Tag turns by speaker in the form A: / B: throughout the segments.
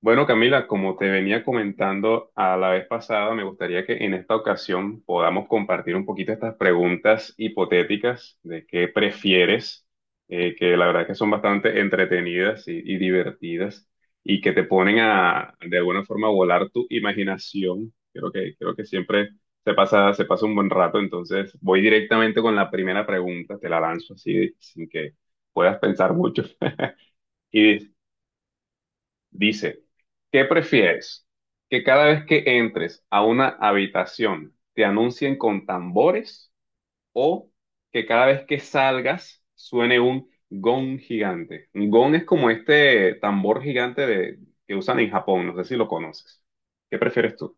A: Bueno, Camila, como te venía comentando a la vez pasada, me gustaría que en esta ocasión podamos compartir un poquito estas preguntas hipotéticas de qué prefieres, que la verdad que son bastante entretenidas y divertidas y que te ponen a, de alguna forma, a volar tu imaginación. Creo que siempre se pasa un buen rato, entonces voy directamente con la primera pregunta, te la lanzo así sin que puedas pensar mucho. Y Dice, ¿qué prefieres? ¿Que cada vez que entres a una habitación te anuncien con tambores o que cada vez que salgas suene un gong gigante? Un gong es como este tambor gigante que usan en Japón, no sé si lo conoces. ¿Qué prefieres tú?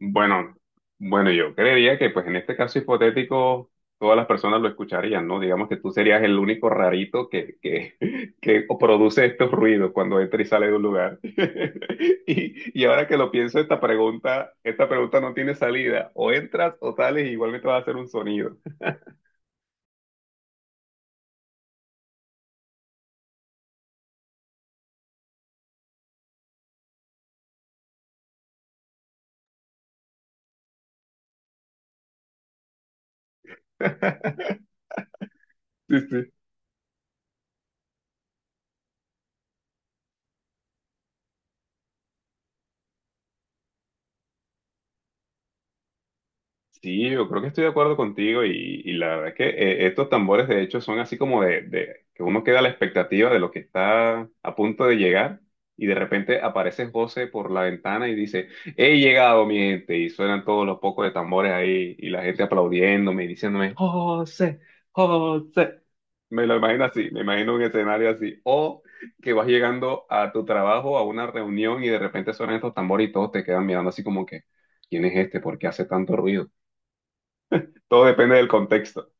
A: Bueno, bueno, yo creería que pues en este caso hipotético todas las personas lo escucharían, ¿no? Digamos que tú serías el único rarito que produce estos ruidos cuando entra y sale de un lugar. Y ahora que lo pienso, esta pregunta no tiene salida. O entras o sales y igualmente vas a hacer un sonido. Sí, sí. Sí, yo creo que estoy de acuerdo contigo y la verdad es que estos tambores de hecho son así como de que uno queda a la expectativa de lo que está a punto de llegar y de repente aparece José por la ventana y dice, he llegado mi gente y suenan todos los pocos de tambores ahí y la gente aplaudiéndome y diciéndome, José, José. Me lo imagino así, me imagino un escenario así o que vas llegando a tu trabajo, a una reunión y de repente suenan estos tambores y todos te quedan mirando así como que, ¿quién es este? ¿Por qué hace tanto ruido? Todo depende del contexto.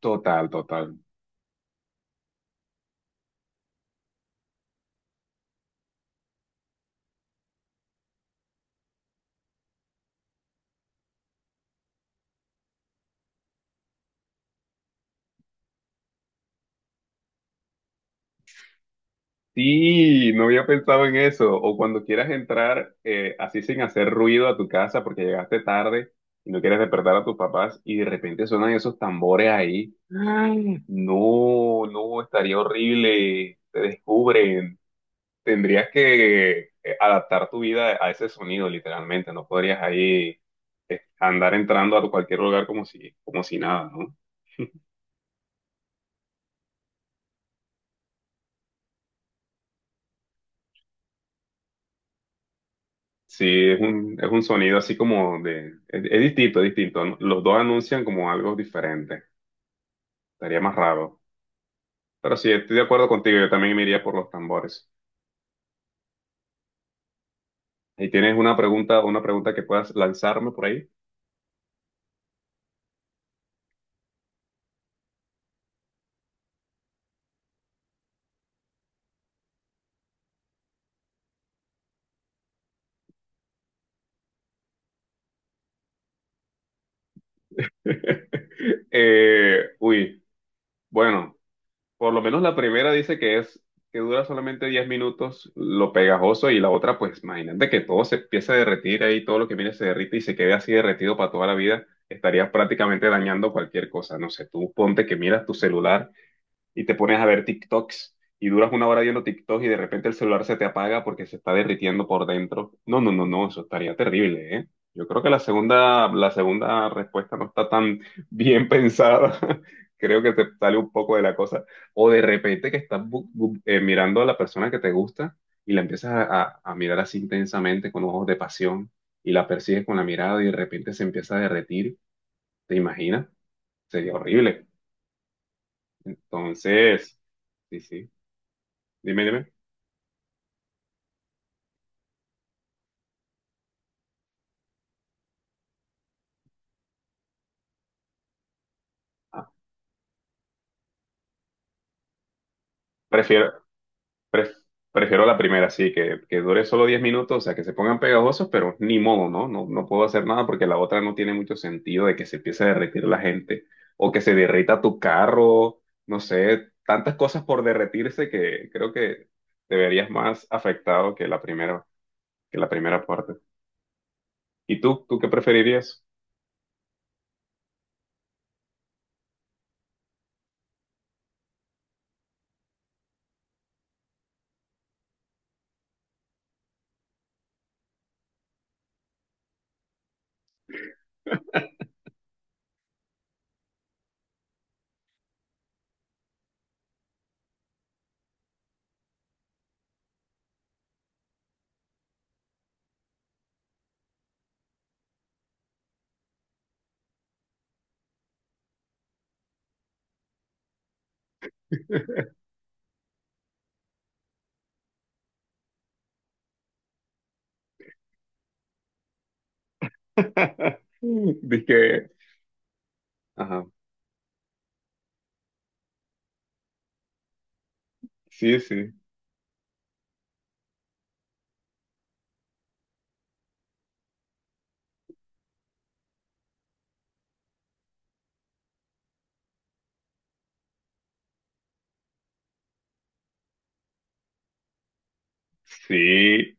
A: Total, total. Sí, no había pensado en eso. O cuando quieras entrar así sin hacer ruido a tu casa porque llegaste tarde y no quieres despertar a tus papás y de repente suenan esos tambores ahí. Ay, no, no, estaría horrible. Te descubren. Tendrías que adaptar tu vida a ese sonido, literalmente. No podrías ahí andar entrando a cualquier lugar como si nada, ¿no? Sí, es un sonido así como de... Es distinto, es distinto. Los dos anuncian como algo diferente. Estaría más raro. Pero sí, estoy de acuerdo contigo. Yo también me iría por los tambores. ¿Y tienes una pregunta que puedas lanzarme por ahí? Uy, bueno, por lo menos la primera dice que es que dura solamente 10 minutos lo pegajoso y la otra, pues imagínate que todo se empieza a derretir ahí, todo lo que viene se derrite y se quede así derretido para toda la vida, estarías prácticamente dañando cualquier cosa. No sé, tú ponte que miras tu celular y te pones a ver TikToks y duras 1 hora viendo TikToks y de repente el celular se te apaga porque se está derritiendo por dentro. No, no, no, no, eso estaría terrible, ¿eh? Yo creo que la segunda respuesta no está tan bien pensada. Creo que te sale un poco de la cosa. O de repente que estás mirando a la persona que te gusta y la empiezas a mirar así intensamente con ojos de pasión y la persigues con la mirada y de repente se empieza a derretir. ¿Te imaginas? Sería horrible. Entonces, sí, sí. Dime, dime. Ah, Prefiero, pref- prefiero la primera, sí, que dure solo 10 minutos, o sea, que se pongan pegajosos, pero ni modo, ¿no? No, no puedo hacer nada porque la otra no tiene mucho sentido de que se empiece a derretir la gente o que se derrita tu carro, no sé, tantas cosas por derretirse que creo que te verías más afectado que que la primera parte. ¿Y tú? ¿Tú qué preferirías? Dije, ajá, sí, sí, sí.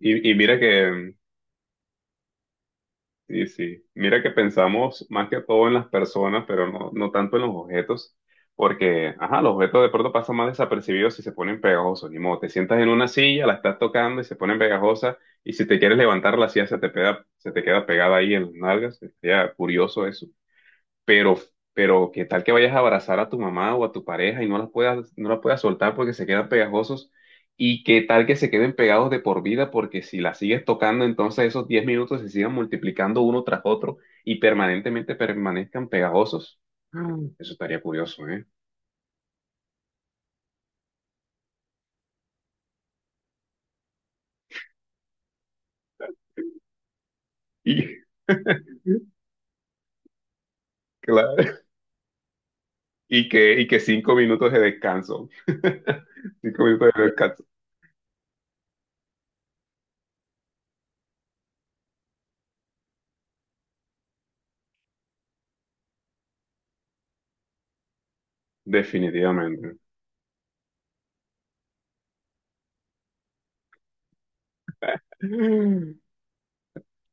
A: Y, y mira que, Sí, sí. Mira que pensamos más que todo en las personas, pero no, no tanto en los objetos, porque, ajá, los objetos de pronto pasan más desapercibidos si se ponen pegajosos. Ni modo, te sientas en una silla, la estás tocando y se ponen pegajosas, y si te quieres levantar la silla se te pega, se te queda pegada ahí en las nalgas. Sería curioso eso. Pero, pero, ¿qué tal que vayas a abrazar a tu mamá o a tu pareja y no las puedas soltar porque se quedan pegajosos? ¿Y qué tal que se queden pegados de por vida? Porque si la sigues tocando, entonces esos 10 minutos se sigan multiplicando uno tras otro y permanentemente permanezcan pegajosos. Mm. Eso estaría curioso, ¿eh? Y, claro, y que 5 minutos de descanso. 5 minutos de descanso. Definitivamente. Mm.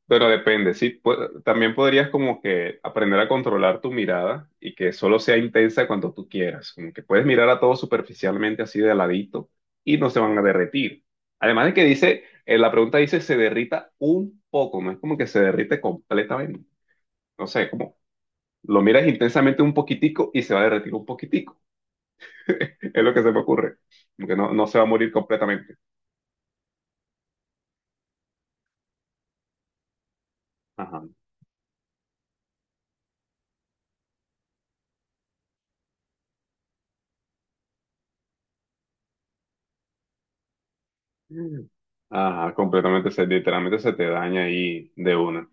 A: Pero depende, sí. También podrías como que aprender a controlar tu mirada y que solo sea intensa cuando tú quieras. Como que puedes mirar a todo superficialmente así de ladito y no se van a derretir. Además de que dice, la pregunta dice se derrita un poco, no es como que se derrite completamente. No sé, como lo miras intensamente un poquitico y se va a derretir un poquitico. Es lo que se me ocurre. Como que no, no se va a morir completamente. Ajá. Ajá, completamente, se, literalmente se te daña ahí de una.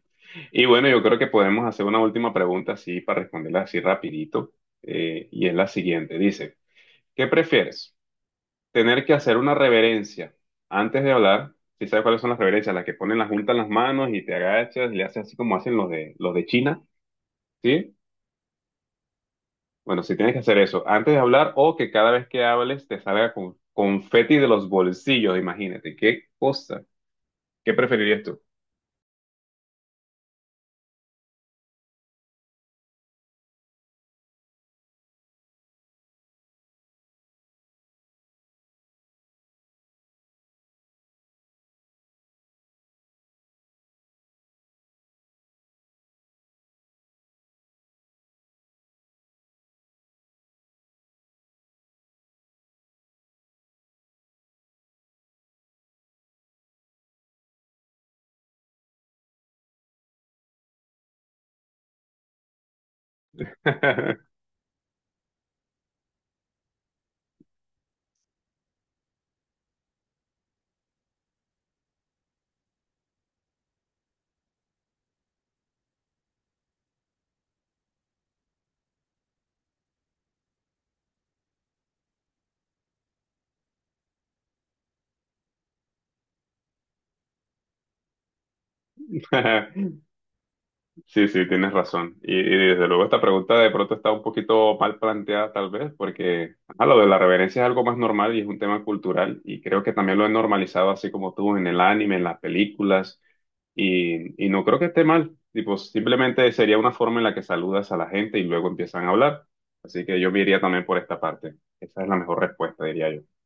A: Y bueno, yo creo que podemos hacer una última pregunta así para responderla así rapidito. Y es la siguiente. Dice, ¿qué prefieres? ¿Tener que hacer una reverencia antes de hablar? Si sabes cuáles son las reverencias, las que ponen la junta en las manos y te agachas y le haces así como hacen los de China, ¿sí? Bueno, si tienes que hacer eso antes de hablar o que cada vez que hables te salga con confeti de los bolsillos, imagínate, qué cosa. ¿Qué preferirías tú? Sí, sí, tienes razón. Y desde luego esta pregunta de pronto está un poquito mal planteada tal vez, porque ajá, lo de la reverencia es algo más normal y es un tema cultural y creo que también lo he normalizado así como tú en el anime, en las películas y no creo que esté mal. Tipo, simplemente sería una forma en la que saludas a la gente y luego empiezan a hablar. Así que yo me iría también por esta parte. Esa es la mejor respuesta, diría yo.